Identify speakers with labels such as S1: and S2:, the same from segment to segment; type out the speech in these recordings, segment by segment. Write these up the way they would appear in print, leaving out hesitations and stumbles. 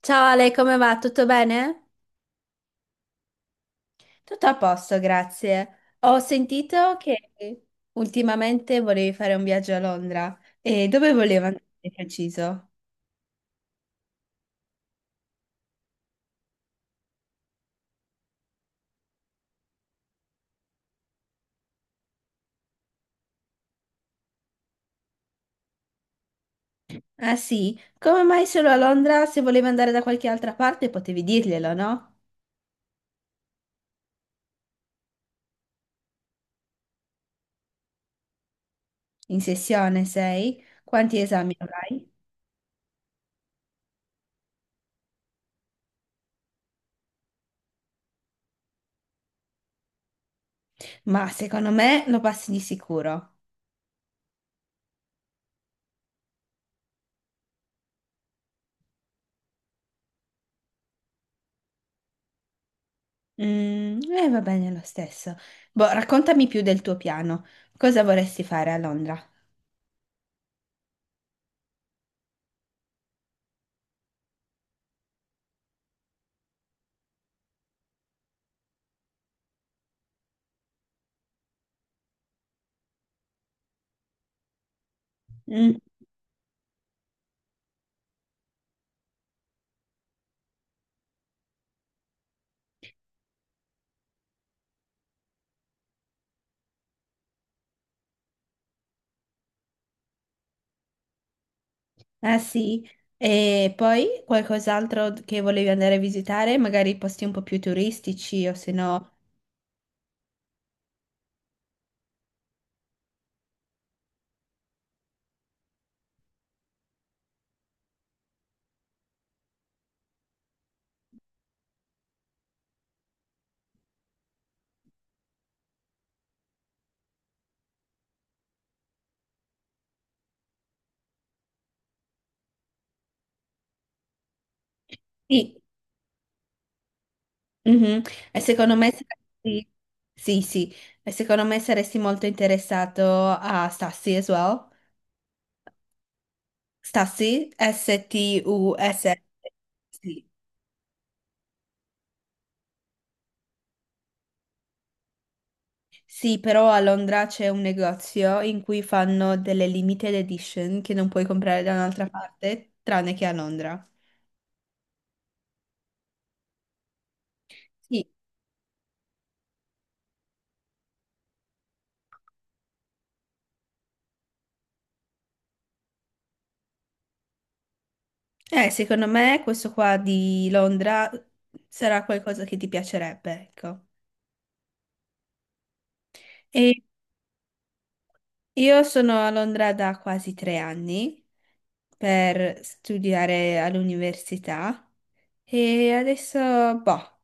S1: Ciao Ale, come va? Tutto bene? Tutto a posto, grazie. Ho sentito che ultimamente volevi fare un viaggio a Londra. E dove volevi andare di preciso? Ah sì? Come mai solo a Londra? Se volevi andare da qualche altra parte potevi dirglielo, no? In sessione sei? Quanti esami avrai? Ma secondo me lo passi di sicuro. Mm, va bene lo stesso. Boh, raccontami più del tuo piano. Cosa vorresti fare a Londra? Ah sì, e poi qualcos'altro che volevi andare a visitare, magari posti un po' più turistici o se no... Sì, mhm. E secondo me saresti... Sì, sì, e secondo me saresti molto interessato a Stassi as well. Stassi, S-T-U-S-S. Sì. Sì, però a Londra c'è un negozio in cui fanno delle limited edition che non puoi comprare da un'altra parte, tranne che a Londra. Sì. Secondo me questo qua di Londra sarà qualcosa che ti piacerebbe, ecco. E io sono a Londra da quasi tre anni per studiare all'università e adesso, boh,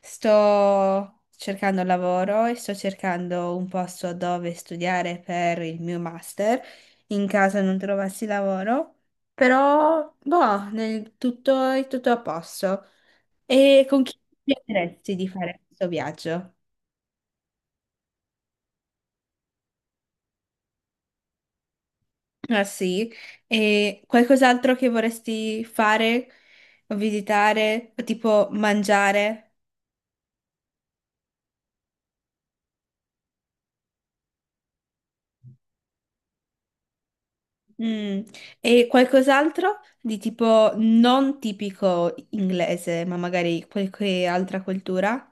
S1: sto cercando lavoro e sto cercando un posto dove studiare per il mio master in caso non trovassi lavoro, però, boh, nel tutto è tutto a posto. E con chi ti piaceresti di fare questo viaggio? Ah sì, e qualcos'altro che vorresti fare, o visitare, o tipo mangiare? Mm. E qualcos'altro di tipo non tipico inglese, ma magari qualche altra cultura?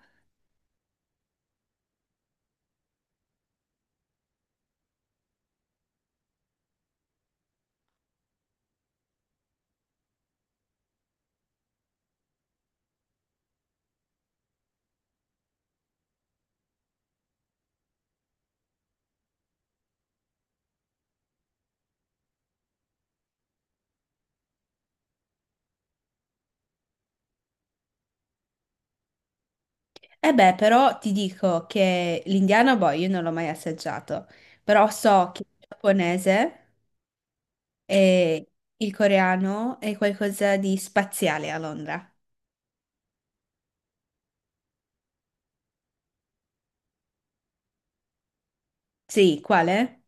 S1: E beh, però ti dico che l'indiano, boh, io non l'ho mai assaggiato, però so che il giapponese e il coreano è qualcosa di spaziale a Londra. Sì, quale?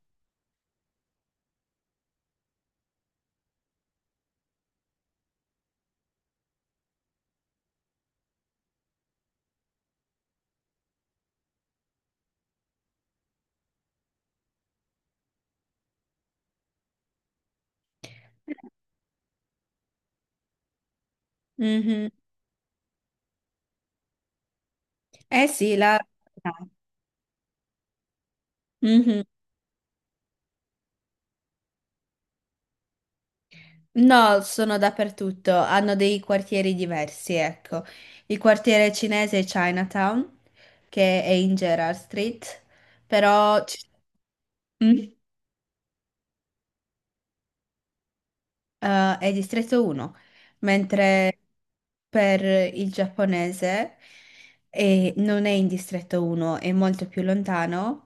S1: Mhm. Eh sì, la... ah, mhm. No, sono dappertutto, hanno dei quartieri diversi, ecco. Il quartiere cinese è Chinatown, che è in Gerrard Street, però... Mm. È distretto 1, mentre per il giapponese non è in distretto 1, è molto più lontano,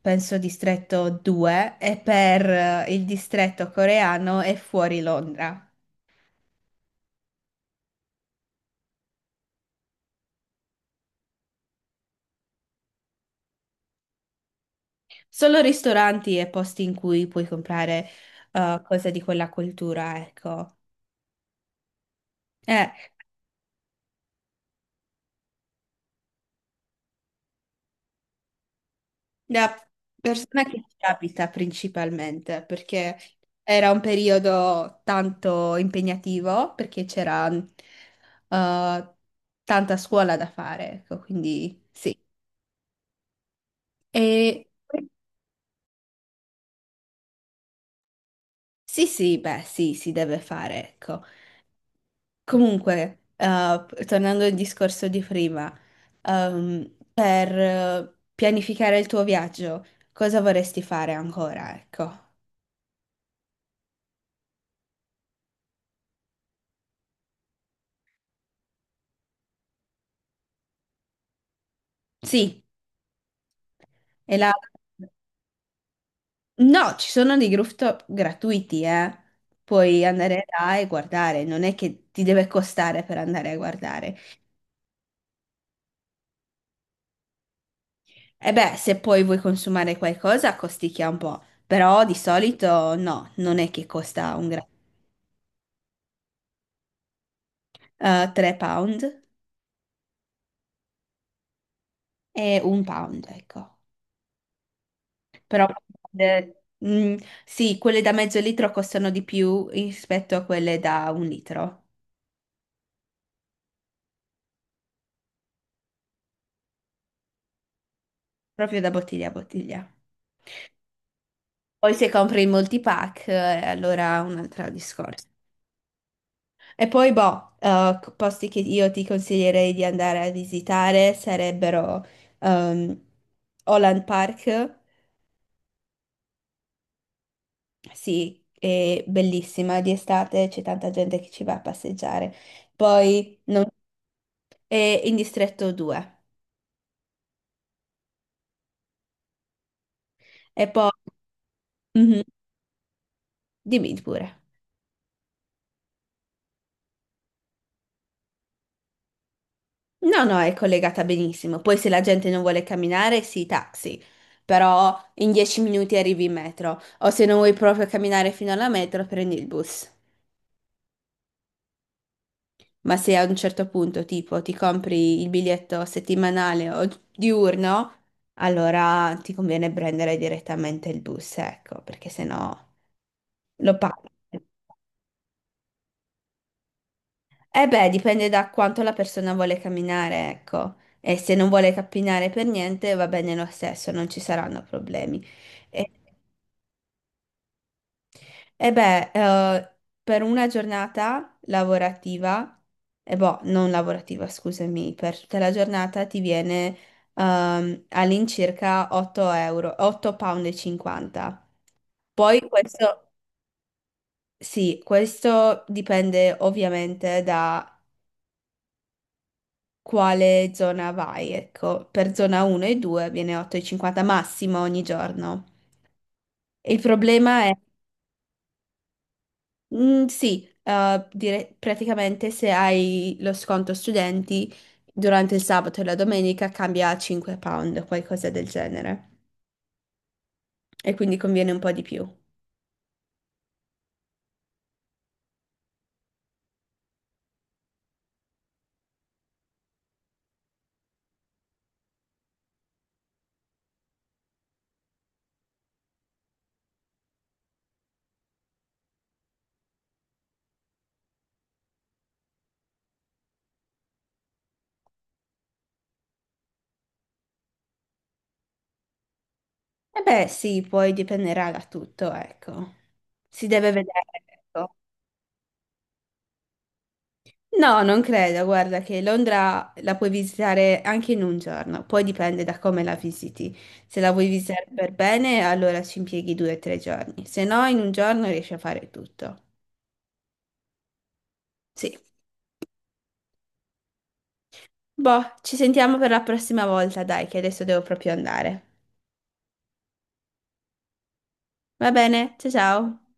S1: penso distretto 2, e per il distretto coreano è fuori Londra. Solo ristoranti e posti in cui puoi comprare cose di quella cultura, ecco. Eh, Da persona che ci abita principalmente, perché era un periodo tanto impegnativo, perché c'era tanta scuola da fare, ecco, quindi sì. E sì, sì, beh, sì, si deve fare, ecco. Comunque, tornando al discorso di prima, per pianificare il tuo viaggio, cosa vorresti fare ancora, ecco? Sì, e là. No, ci sono dei rooftop gratuiti, eh. Puoi andare là e guardare, non è che ti deve costare per andare a guardare. E beh, se poi vuoi consumare qualcosa, costicchia un po', però di solito no, non è che costa un gra... 3 pound e un pound, ecco. Però eh, mm, sì, quelle da mezzo litro costano di più rispetto a quelle da un litro, proprio da bottiglia a bottiglia. Poi se compri il multipack, allora un altro discorso. E poi, boh, posti che io ti consiglierei di andare a visitare sarebbero ehm, Holland Park, sì, è bellissima di estate, c'è tanta gente che ci va a passeggiare. Poi non- È in Distretto 2. E poi, mhm, dimmi pure. No, no, è collegata benissimo. Poi se la gente non vuole camminare, sì, taxi. Però in 10 minuti arrivi in metro. O se non vuoi proprio camminare fino alla metro, prendi il bus. Ma se a un certo punto, tipo, ti compri il biglietto settimanale o diurno, allora ti conviene prendere direttamente il bus, ecco, perché sennò lo paghi. Eh beh, dipende da quanto la persona vuole camminare, ecco. E se non vuole camminare per niente, va bene lo stesso, non ci saranno problemi. E beh, per una giornata lavorativa, e boh, non lavorativa, scusami, per tutta la giornata ti viene all'incirca 8 euro, 8 £ e 50. Poi questo, sì, questo dipende ovviamente da quale zona vai, ecco, per zona 1 e 2 viene 8,50 massimo ogni giorno. Il problema è mm, sì, praticamente se hai lo sconto studenti durante il sabato e la domenica cambia a 5 pound, qualcosa del genere. E quindi conviene un po' di più. E beh, sì, poi dipenderà da tutto, ecco. Si deve vedere, ecco. No, non credo, guarda che Londra la puoi visitare anche in un giorno, poi dipende da come la visiti. Se la vuoi visitare per bene, allora ci impieghi due o tre giorni, se no in un giorno riesci a fare tutto. Sì. Boh, ci sentiamo per la prossima volta, dai, che adesso devo proprio andare. Va bene, ciao ciao.